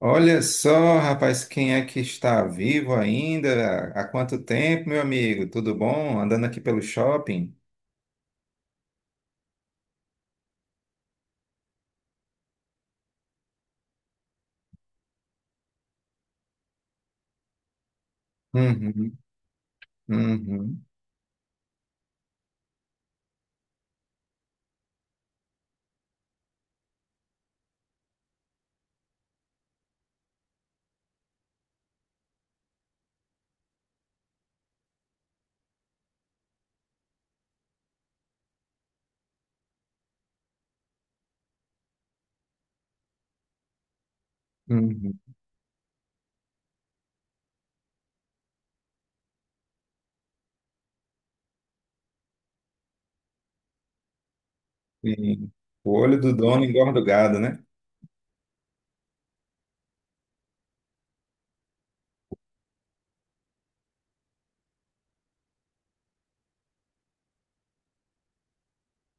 Olha só, rapaz, quem é que está vivo ainda? Há quanto tempo, meu amigo? Tudo bom? Andando aqui pelo shopping? Uhum, uhum, uhum. Sim. O olho do dono engorda o gado, né?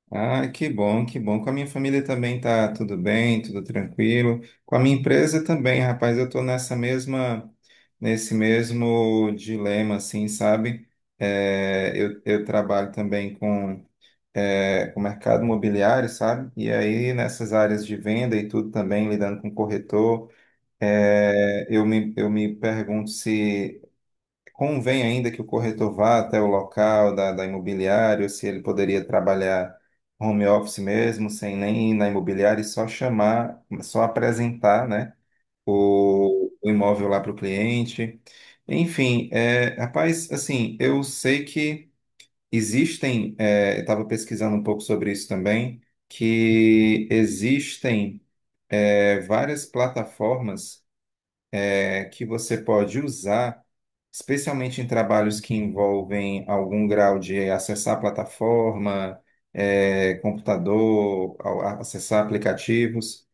Ah, que bom, que bom. Com a minha família também tá tudo bem, tudo tranquilo. Com a minha empresa também, rapaz, eu tô nesse mesmo dilema, assim, sabe? É, eu trabalho também com o mercado imobiliário, sabe? E aí nessas áreas de venda e tudo também, lidando com corretor, eu me pergunto se convém ainda que o corretor vá até o local da imobiliária, ou se ele poderia trabalhar home office mesmo, sem nem ir na imobiliária e só chamar, só apresentar, né, o imóvel lá para o cliente. Enfim, rapaz, assim, eu sei que estava pesquisando um pouco sobre isso também, que existem várias plataformas que você pode usar, especialmente em trabalhos que envolvem algum grau de acessar a plataforma, computador, acessar aplicativos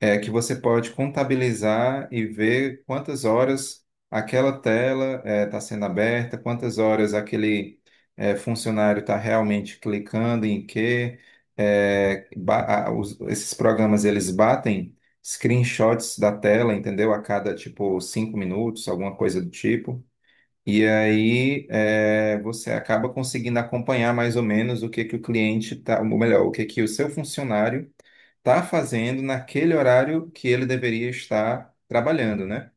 é que você pode contabilizar e ver quantas horas aquela tela está sendo aberta, quantas horas aquele funcionário está realmente clicando em que eh, ba- a- os- esses programas eles batem screenshots da tela, entendeu? A cada tipo cinco minutos, alguma coisa do tipo. E aí você acaba conseguindo acompanhar mais ou menos o que que o cliente tá, ou melhor, o que que o seu funcionário está fazendo naquele horário que ele deveria estar trabalhando, né?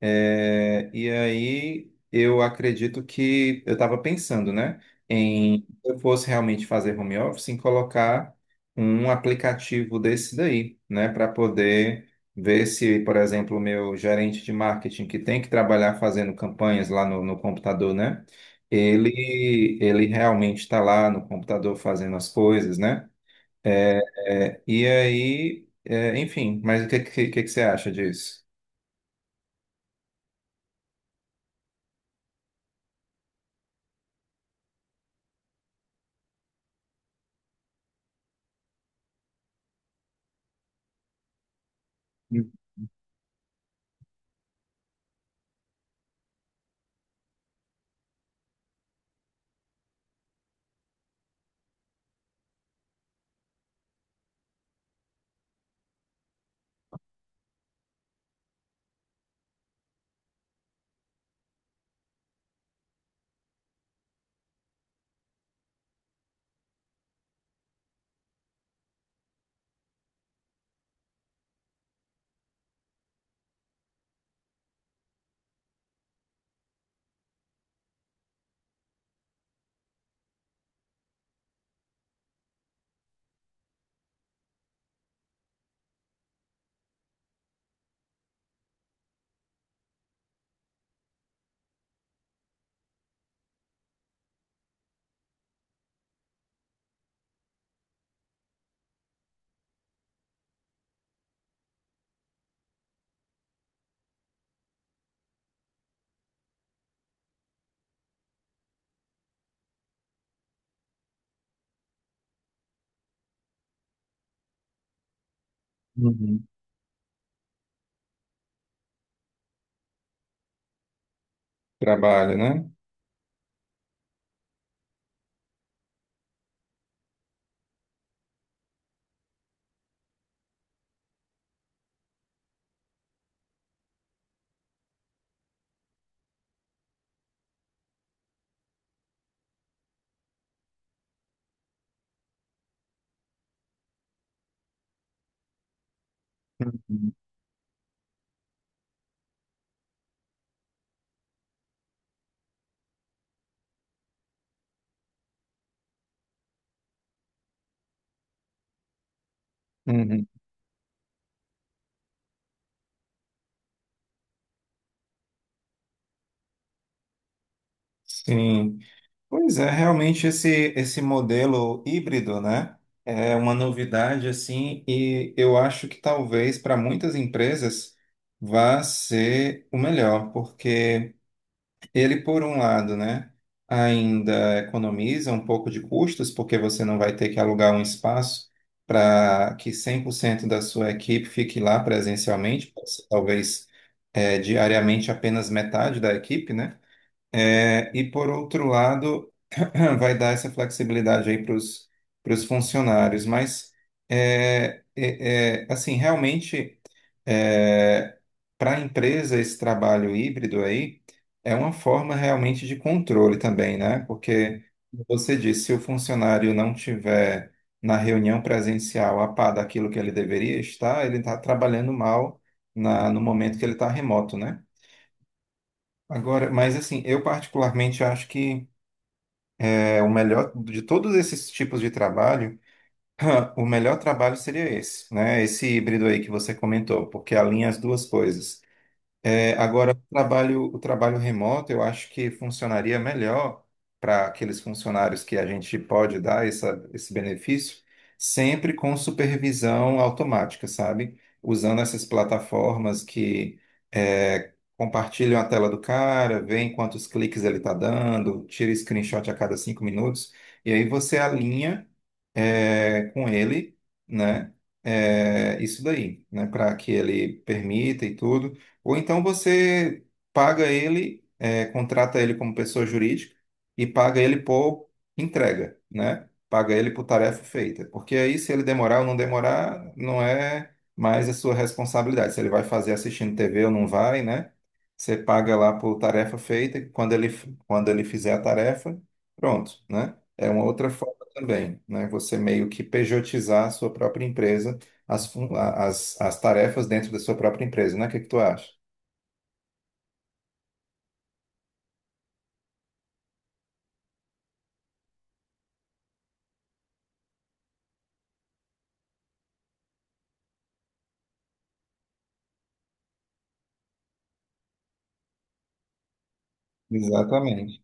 E aí eu acredito que eu estava pensando, né, em se eu fosse realmente fazer home office, em colocar um aplicativo desse daí, né, para poder ver se, por exemplo, o meu gerente de marketing que tem que trabalhar fazendo campanhas lá no computador, né? Ele realmente está lá no computador fazendo as coisas, né? É, e aí, enfim, mas o que que você acha disso? Uhum. Trabalho, né? Uhum. Uhum. Sim. Pois é, realmente esse modelo híbrido, né? É uma novidade, assim, e eu acho que talvez para muitas empresas vá ser o melhor, porque, ele, por um lado, né, ainda economiza um pouco de custos, porque você não vai ter que alugar um espaço para que 100% da sua equipe fique lá presencialmente, pode ser, talvez diariamente apenas metade da equipe, né? E, por outro lado, vai dar essa flexibilidade aí para os funcionários, mas assim, realmente para a empresa esse trabalho híbrido aí é uma forma realmente de controle também, né? Porque como você disse, se o funcionário não tiver na reunião presencial a par daquilo que ele deveria estar, ele está trabalhando mal no momento que ele está remoto, né? Agora, mas assim, eu particularmente acho que é o melhor de todos esses tipos de trabalho, o melhor trabalho seria esse, né? Esse híbrido aí que você comentou, porque alinha as duas coisas. Agora, o trabalho remoto, eu acho que funcionaria melhor para aqueles funcionários que a gente pode dar esse benefício, sempre com supervisão automática, sabe? Usando essas plataformas que compartilham a tela do cara, veem quantos cliques ele está dando, tira screenshot a cada cinco minutos, e aí você alinha com ele, né? É, isso daí, né? Para que ele permita e tudo. Ou então você paga ele, contrata ele como pessoa jurídica e paga ele por entrega, né? Paga ele por tarefa feita. Porque aí, se ele demorar ou não demorar, não é mais a sua responsabilidade. Se ele vai fazer assistindo TV ou não vai, né? Você paga lá por tarefa feita, e quando ele fizer a tarefa, pronto, né? É uma outra forma também, né? Você meio que pejotizar a sua própria empresa, as, fun- a- as tarefas dentro da sua própria empresa, né? O que que tu acha? Exatamente.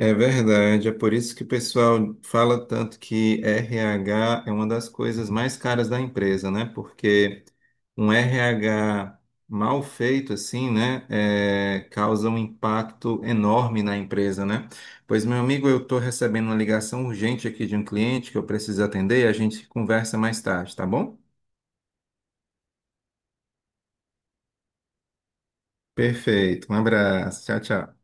É verdade, é por isso que o pessoal fala tanto que RH é uma das coisas mais caras da empresa, né? Porque um RH mal feito, assim, né, é, causa um impacto enorme na empresa, né? Pois, meu amigo, eu estou recebendo uma ligação urgente aqui de um cliente que eu preciso atender e a gente conversa mais tarde, tá bom? Perfeito, um abraço, tchau, tchau.